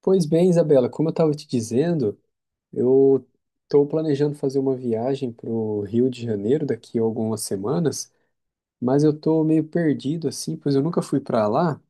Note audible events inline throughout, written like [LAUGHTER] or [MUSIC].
Pois bem, Isabela, como eu estava te dizendo, eu estou planejando fazer uma viagem para o Rio de Janeiro daqui a algumas semanas, mas eu estou meio perdido assim, pois eu nunca fui para lá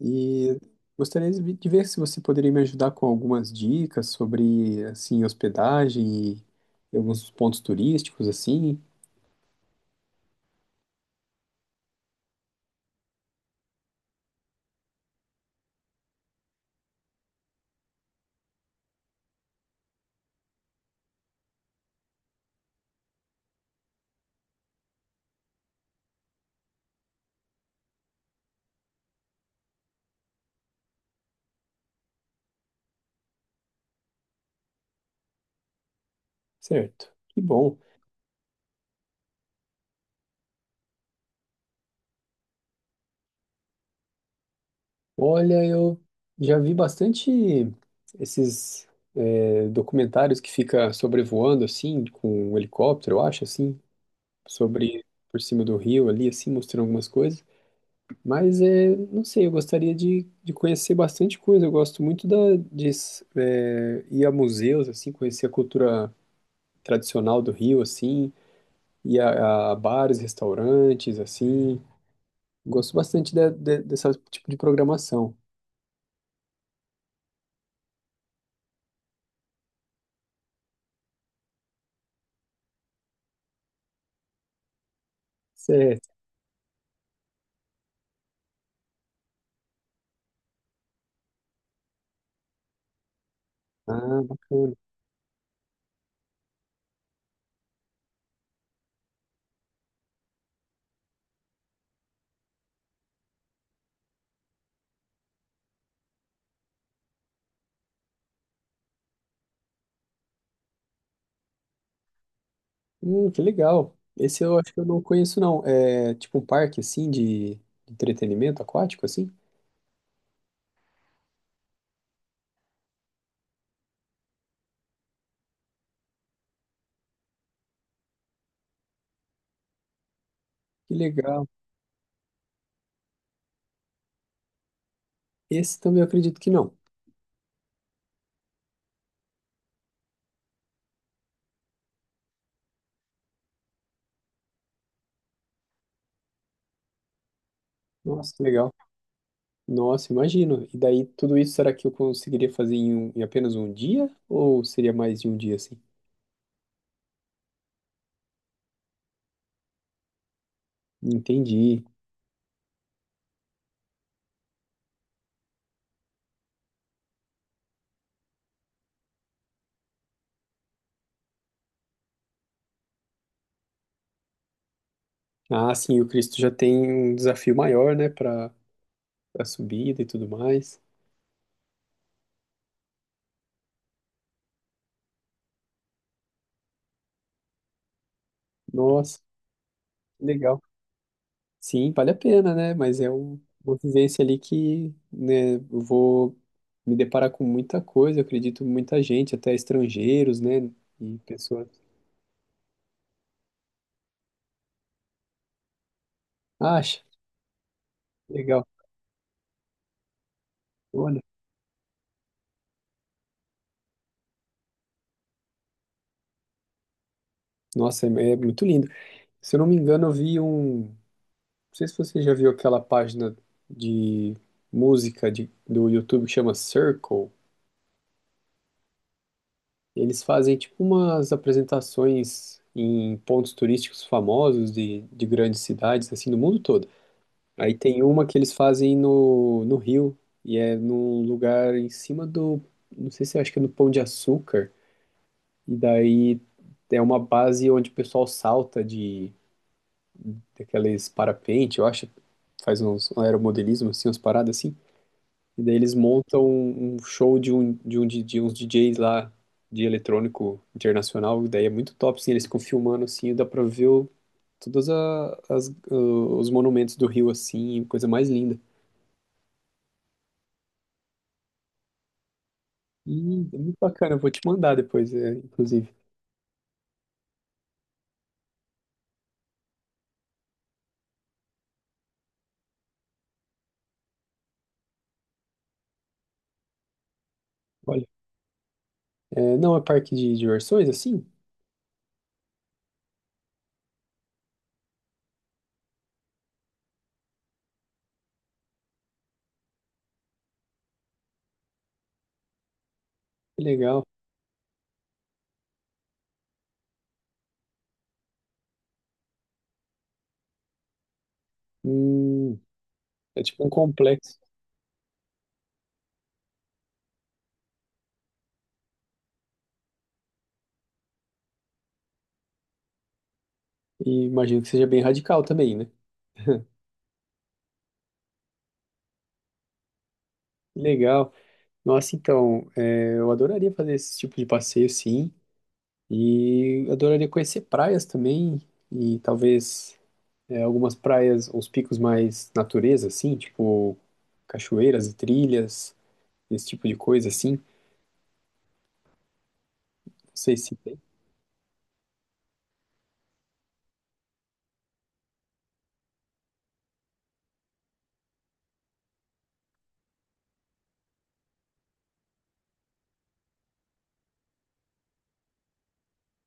e gostaria de ver se você poderia me ajudar com algumas dicas sobre assim hospedagem e alguns pontos turísticos assim, certo? Que bom. Olha, eu já vi bastante esses documentários que fica sobrevoando assim, com um helicóptero, eu acho, assim, sobre por cima do rio ali, assim, mostrando algumas coisas. Mas é, não sei, eu gostaria de conhecer bastante coisa. Eu gosto muito da, de ir a museus, assim, conhecer a cultura tradicional do Rio, assim, ir a bares, restaurantes, assim. Gosto bastante de desse tipo de programação. Certo. Ah, bacana. Que legal. Esse eu acho que eu não conheço, não. É tipo um parque, assim, de entretenimento aquático, assim? Que legal. Esse também eu acredito que não. Nossa, que legal. Nossa, imagino. E daí, tudo isso, será que eu conseguiria fazer em, em apenas um dia? Ou seria mais de um dia, assim? Entendi. Ah, sim, o Cristo já tem um desafio maior, né, para a subida e tudo mais. Nossa, que legal. Sim, vale a pena, né? Mas é uma vivência ali que, né, eu vou me deparar com muita coisa, eu acredito, muita gente, até estrangeiros, né? E pessoas. Acha, legal. Olha, nossa, é, é muito lindo. Se eu não me engano, eu vi um. Não sei se você já viu aquela página de música do YouTube que chama Circle. Eles fazem tipo umas apresentações em pontos turísticos famosos de grandes cidades, assim, do mundo todo. Aí tem uma que eles fazem no Rio, e é num lugar em cima do, não sei se acho que é no Pão de Açúcar, e daí é uma base onde o pessoal salta de daqueles parapente, eu acho, faz uns um aeromodelismo assim, umas paradas assim, e daí eles montam um show de um DJ uns DJs lá de eletrônico internacional, e daí é muito top, assim, eles ficam filmando assim, e dá pra ver todas as, os monumentos do Rio assim, coisa mais linda. É muito bacana, eu vou te mandar depois, é, inclusive. Olha, é, não é parque de diversões, assim? Que legal. Hum, é tipo um complexo. E imagino que seja bem radical também, né? Que legal. Nossa, então, é, eu adoraria fazer esse tipo de passeio, sim. E adoraria conhecer praias também. E talvez é, algumas praias, uns picos mais natureza, assim, tipo cachoeiras e trilhas, esse tipo de coisa, assim. Não sei se tem.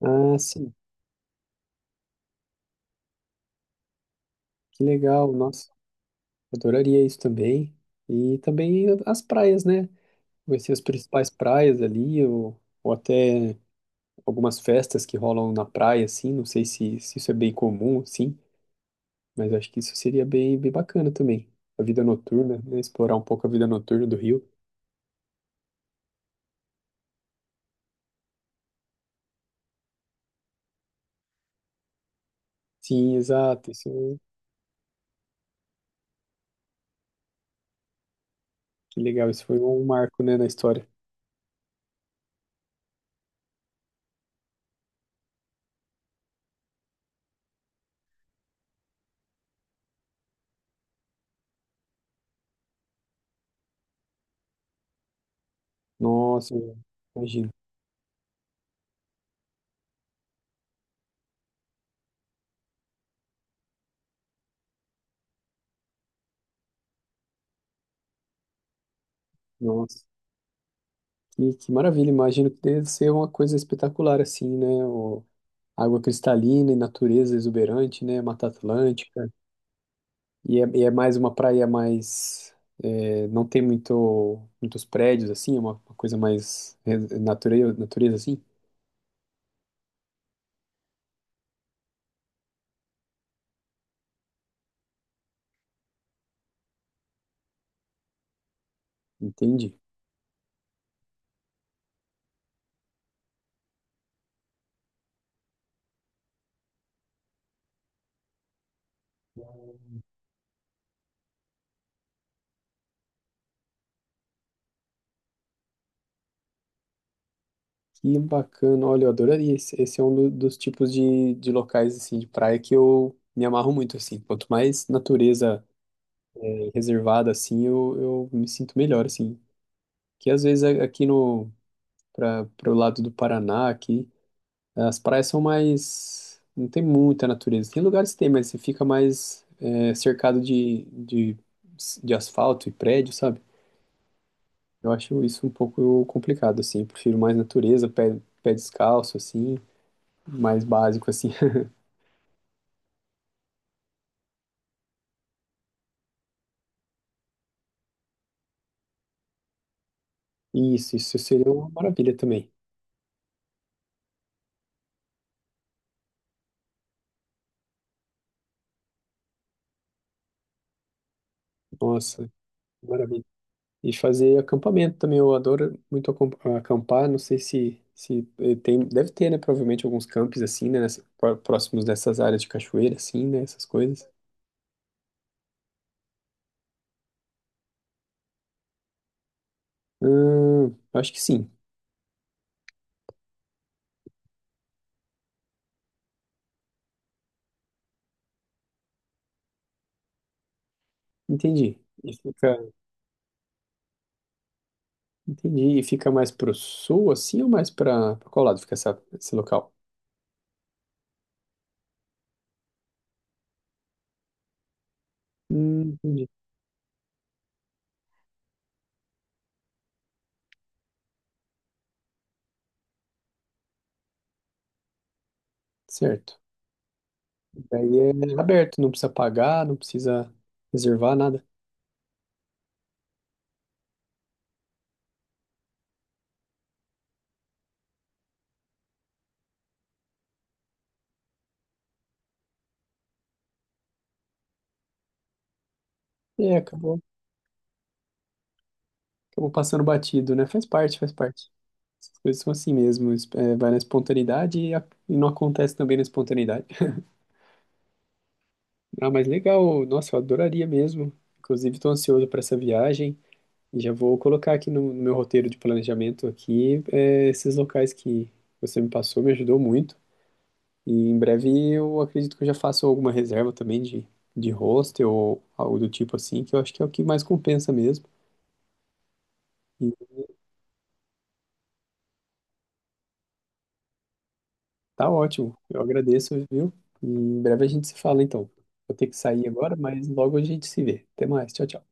Ah, sim. Que legal, nossa. Adoraria isso também. E também as praias, né? Conhecer as principais praias ali, ou até algumas festas que rolam na praia, assim. Não sei se isso é bem comum, sim, mas acho que isso seria bem, bem bacana também. A vida noturna, né? Explorar um pouco a vida noturna do Rio. Sim, exato. Isso, que legal. Isso foi um marco, né, na história. Nossa, imagino. Nossa, que maravilha. Imagino que deve ser uma coisa espetacular, assim, né? Água cristalina e natureza exuberante, né? Mata Atlântica. E é mais uma praia mais. É, não tem muito, muitos prédios, assim, é uma coisa mais natureza, natureza, assim. Entende? Que bacana. Olha, eu adoraria. Esse é um dos tipos de locais, assim, de praia que eu me amarro muito, assim. Quanto mais natureza reservada, assim, eu me sinto melhor, assim. Que às vezes aqui no. Para o lado do Paraná, aqui. As praias são mais. Não tem muita natureza. Tem lugares que tem, mas você fica mais é, cercado de asfalto e prédio, sabe? Eu acho isso um pouco complicado, assim. Eu prefiro mais natureza, pé, pé descalço, assim, mais básico, assim. [LAUGHS] Isso seria uma maravilha também. Nossa, maravilha. E fazer acampamento também. Eu adoro muito acampar. Não sei se eh, tem. Deve ter, né? Provavelmente alguns campos assim, né? Próximos dessas áreas de cachoeira, assim, né? Essas coisas. Acho que sim, entendi. Entendi. E fica mais pro sul, assim, ou mais pra qual lado fica essa, esse local? Entendi. Certo. Daí é aberto, não precisa pagar, não precisa reservar nada. É, acabou, acabou passando batido, né? Faz parte, faz parte. Essas coisas são assim mesmo. É, vai na espontaneidade e não acontece também na espontaneidade. Ah, mas legal. Nossa, eu adoraria mesmo. Inclusive, estou ansioso para essa viagem. E já vou colocar aqui no meu roteiro de planejamento aqui, é, esses locais que você me passou, me ajudou muito. E em breve eu acredito que eu já faço alguma reserva também de hostel ou algo do tipo assim, que eu acho que é o que mais compensa mesmo. E tá ótimo, eu agradeço, viu? E em breve a gente se fala então. Vou ter que sair agora, mas logo a gente se vê. Até mais, tchau, tchau.